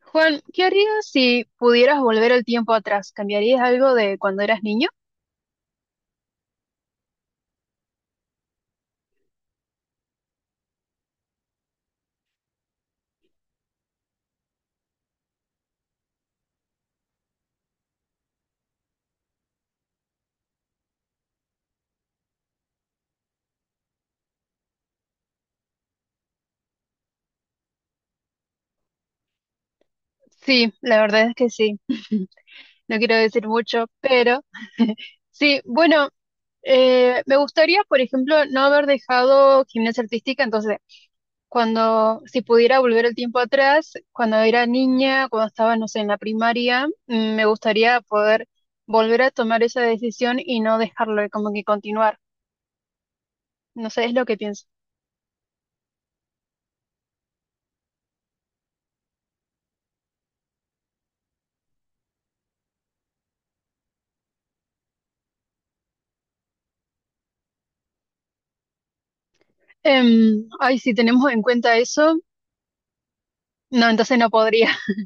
Juan, ¿qué harías si pudieras volver el tiempo atrás? ¿Cambiarías algo de cuando eras niño? Sí, la verdad es que sí. No quiero decir mucho, pero sí, bueno, me gustaría, por ejemplo, no haber dejado gimnasia artística, entonces, cuando, si pudiera volver el tiempo atrás, cuando era niña, cuando estaba, no sé, en la primaria, me gustaría poder volver a tomar esa decisión y no dejarlo, como que continuar. No sé, es lo que pienso. Ay, si tenemos en cuenta eso. No, entonces no podría.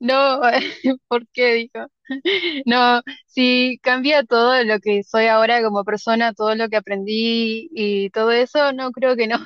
No, ¿por qué? Dijo. No, si cambia todo lo que soy ahora como persona, todo lo que aprendí y todo eso, no creo que no.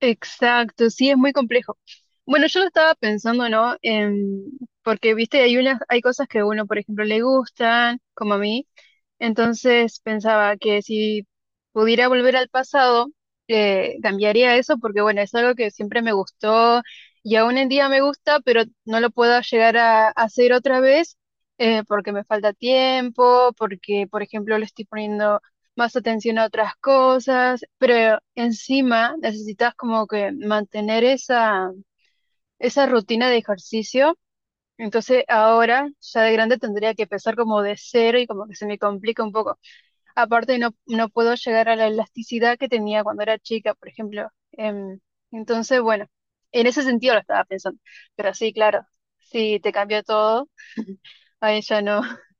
Exacto, sí, es muy complejo. Bueno, yo lo estaba pensando, ¿no? En- porque, viste, hay unas, hay cosas que a uno, por ejemplo, le gustan, como a mí. Entonces pensaba que si pudiera volver al pasado, cambiaría eso, porque, bueno, es algo que siempre me gustó y aún en día me gusta, pero no lo puedo llegar a hacer otra vez, porque me falta tiempo, porque, por ejemplo, le estoy poniendo más atención a otras cosas, pero encima necesitas como que mantener esa rutina de ejercicio. Entonces ahora, ya de grande, tendría que empezar como de cero y como que se me complica un poco. Aparte, no, no puedo llegar a la elasticidad que tenía cuando era chica, por ejemplo. Entonces, bueno, en ese sentido lo estaba pensando. Pero sí, claro, si te cambió todo, ahí ya no.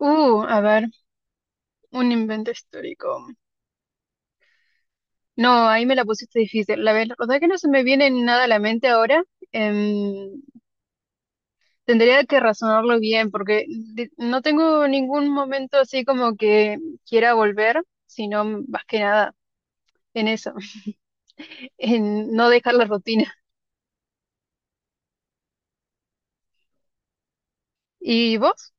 A ver, un invento histórico. No, ahí me la pusiste difícil. La verdad que no se me viene nada a la mente ahora. Em, tendría que razonarlo bien porque no tengo ningún momento así como que quiera volver, sino más que nada en eso, en no dejar la rutina. ¿Y vos?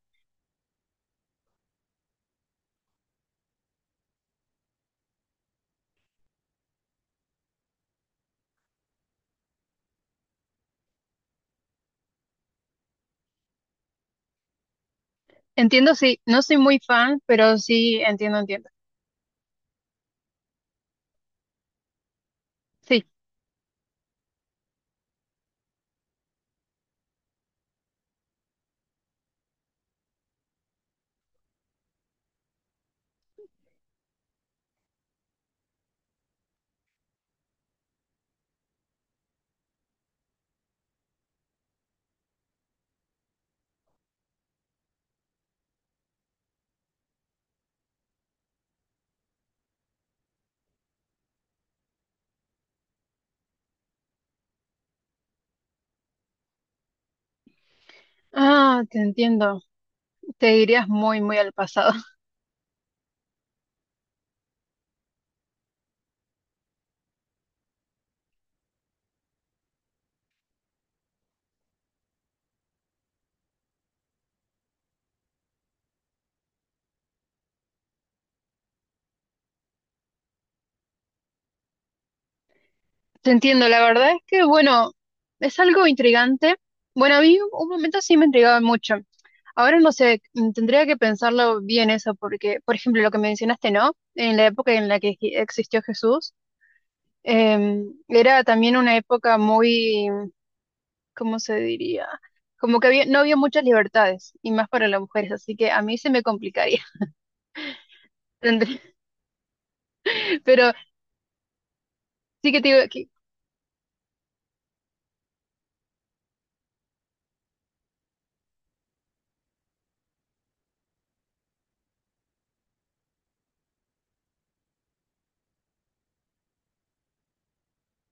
Entiendo, sí. No soy muy fan, pero sí entiendo, entiendo. Sí. Ah, te entiendo. Te irías muy, muy al pasado. Te entiendo, la verdad es que, bueno, es algo intrigante. Bueno, a mí un momento sí me intrigaba mucho. Ahora no sé, tendría que pensarlo bien eso, porque, por ejemplo, lo que mencionaste, ¿no? En la época en la que existió Jesús, era también una época muy, ¿cómo se diría? Como que había, no había muchas libertades, y más para las mujeres, así que a mí se me complicaría. Tendría- Pero sí que te digo que,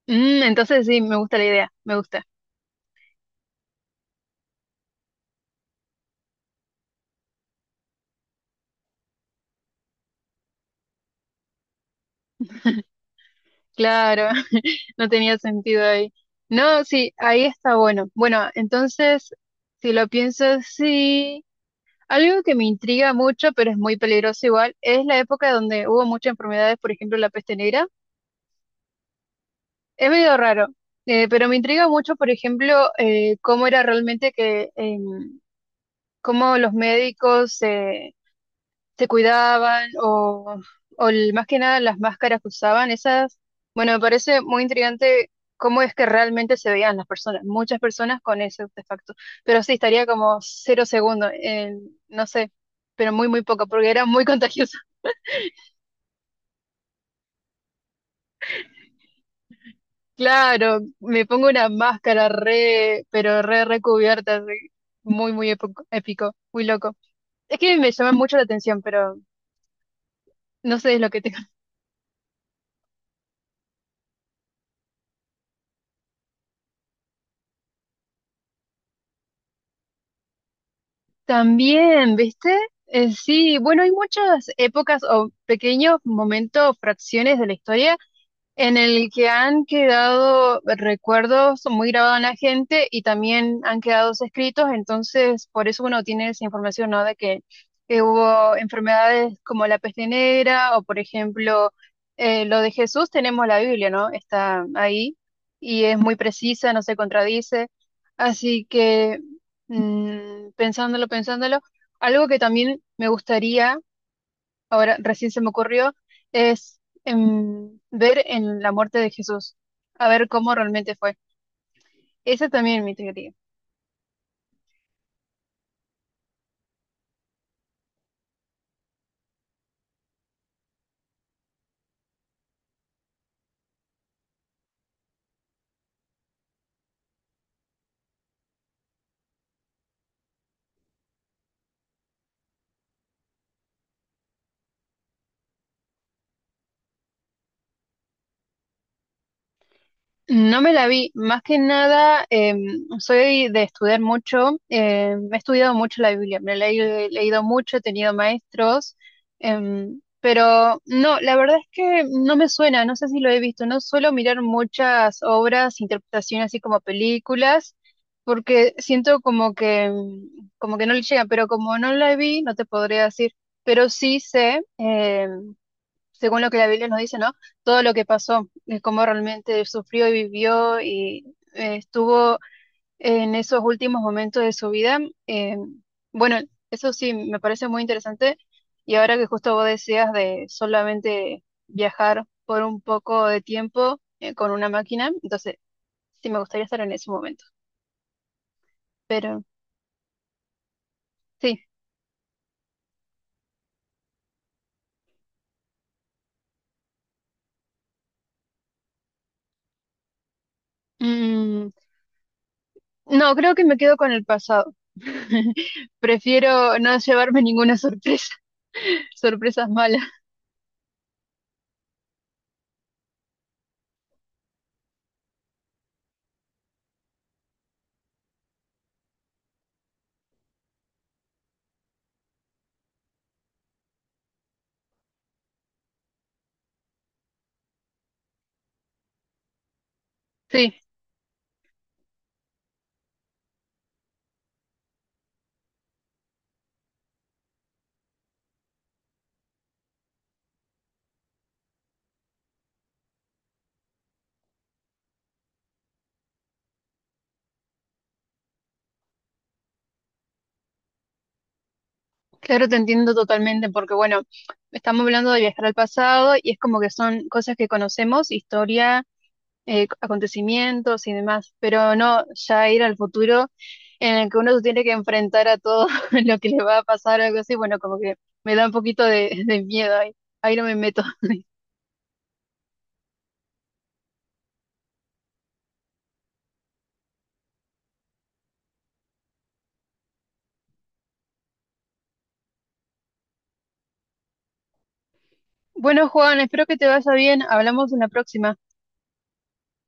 entonces sí, me gusta la idea, me gusta. Claro. No tenía sentido ahí. No, sí, ahí está bueno. Bueno, entonces, si lo pienso así, algo que me intriga mucho, pero es muy peligroso igual, es la época donde hubo muchas enfermedades, por ejemplo, la peste negra. Es medio raro, pero me intriga mucho, por ejemplo, cómo era realmente que, cómo los médicos se cuidaban o más que nada las máscaras que usaban, esas, bueno, me parece muy intrigante cómo es que realmente se veían las personas, muchas personas con ese artefacto, pero sí, estaría como cero segundos, en, no sé, pero muy, muy poco, porque era muy contagioso. Claro, me pongo una máscara re, pero re recubierta, así, muy, muy épico, épico, muy loco. Es que me llama mucho la atención, pero no sé, es lo que También, ¿viste? Sí, bueno, hay muchas épocas o pequeños momentos, fracciones de la historia en el que han quedado recuerdos muy grabados en la gente y también han quedado escritos, entonces por eso uno tiene esa información, ¿no? De que hubo enfermedades como la peste negra o, por ejemplo, lo de Jesús, tenemos la Biblia, ¿no? Está ahí y es muy precisa, no se contradice. Así que, pensándolo, pensándolo, algo que también me gustaría ahora recién se me ocurrió, es ver en la muerte de Jesús, a ver cómo realmente fue. Esa también es mi teoría. No me la vi, más que nada soy de estudiar mucho, he estudiado mucho la Biblia, me la he leído mucho, he tenido maestros, pero no, la verdad es que no me suena, no sé si lo he visto, no suelo mirar muchas obras, interpretaciones así como películas, porque siento como que, como que no le llega, pero como no la vi, no te podría decir, pero sí sé, según lo que la Biblia nos dice, ¿no? Todo lo que pasó, cómo realmente sufrió y vivió y estuvo en esos últimos momentos de su vida. eh, bueno, eso sí, me parece muy interesante. Y ahora que justo vos decías de solamente viajar por un poco de tiempo con una máquina, entonces sí me gustaría estar en ese momento. Pero sí. Mm, no, creo que me quedo con el pasado. Prefiero no llevarme ninguna sorpresa, sorpresas malas. Sí, claro, te entiendo totalmente, porque bueno, estamos hablando de viajar al pasado y es como que son cosas que conocemos, historia, acontecimientos y demás, pero no ya ir al futuro en el que uno se tiene que enfrentar a todo lo que le va a pasar o algo así, bueno, como que me da un poquito de miedo ahí, ahí no me meto. Bueno, Juan, espero que te vaya bien, hablamos en la próxima.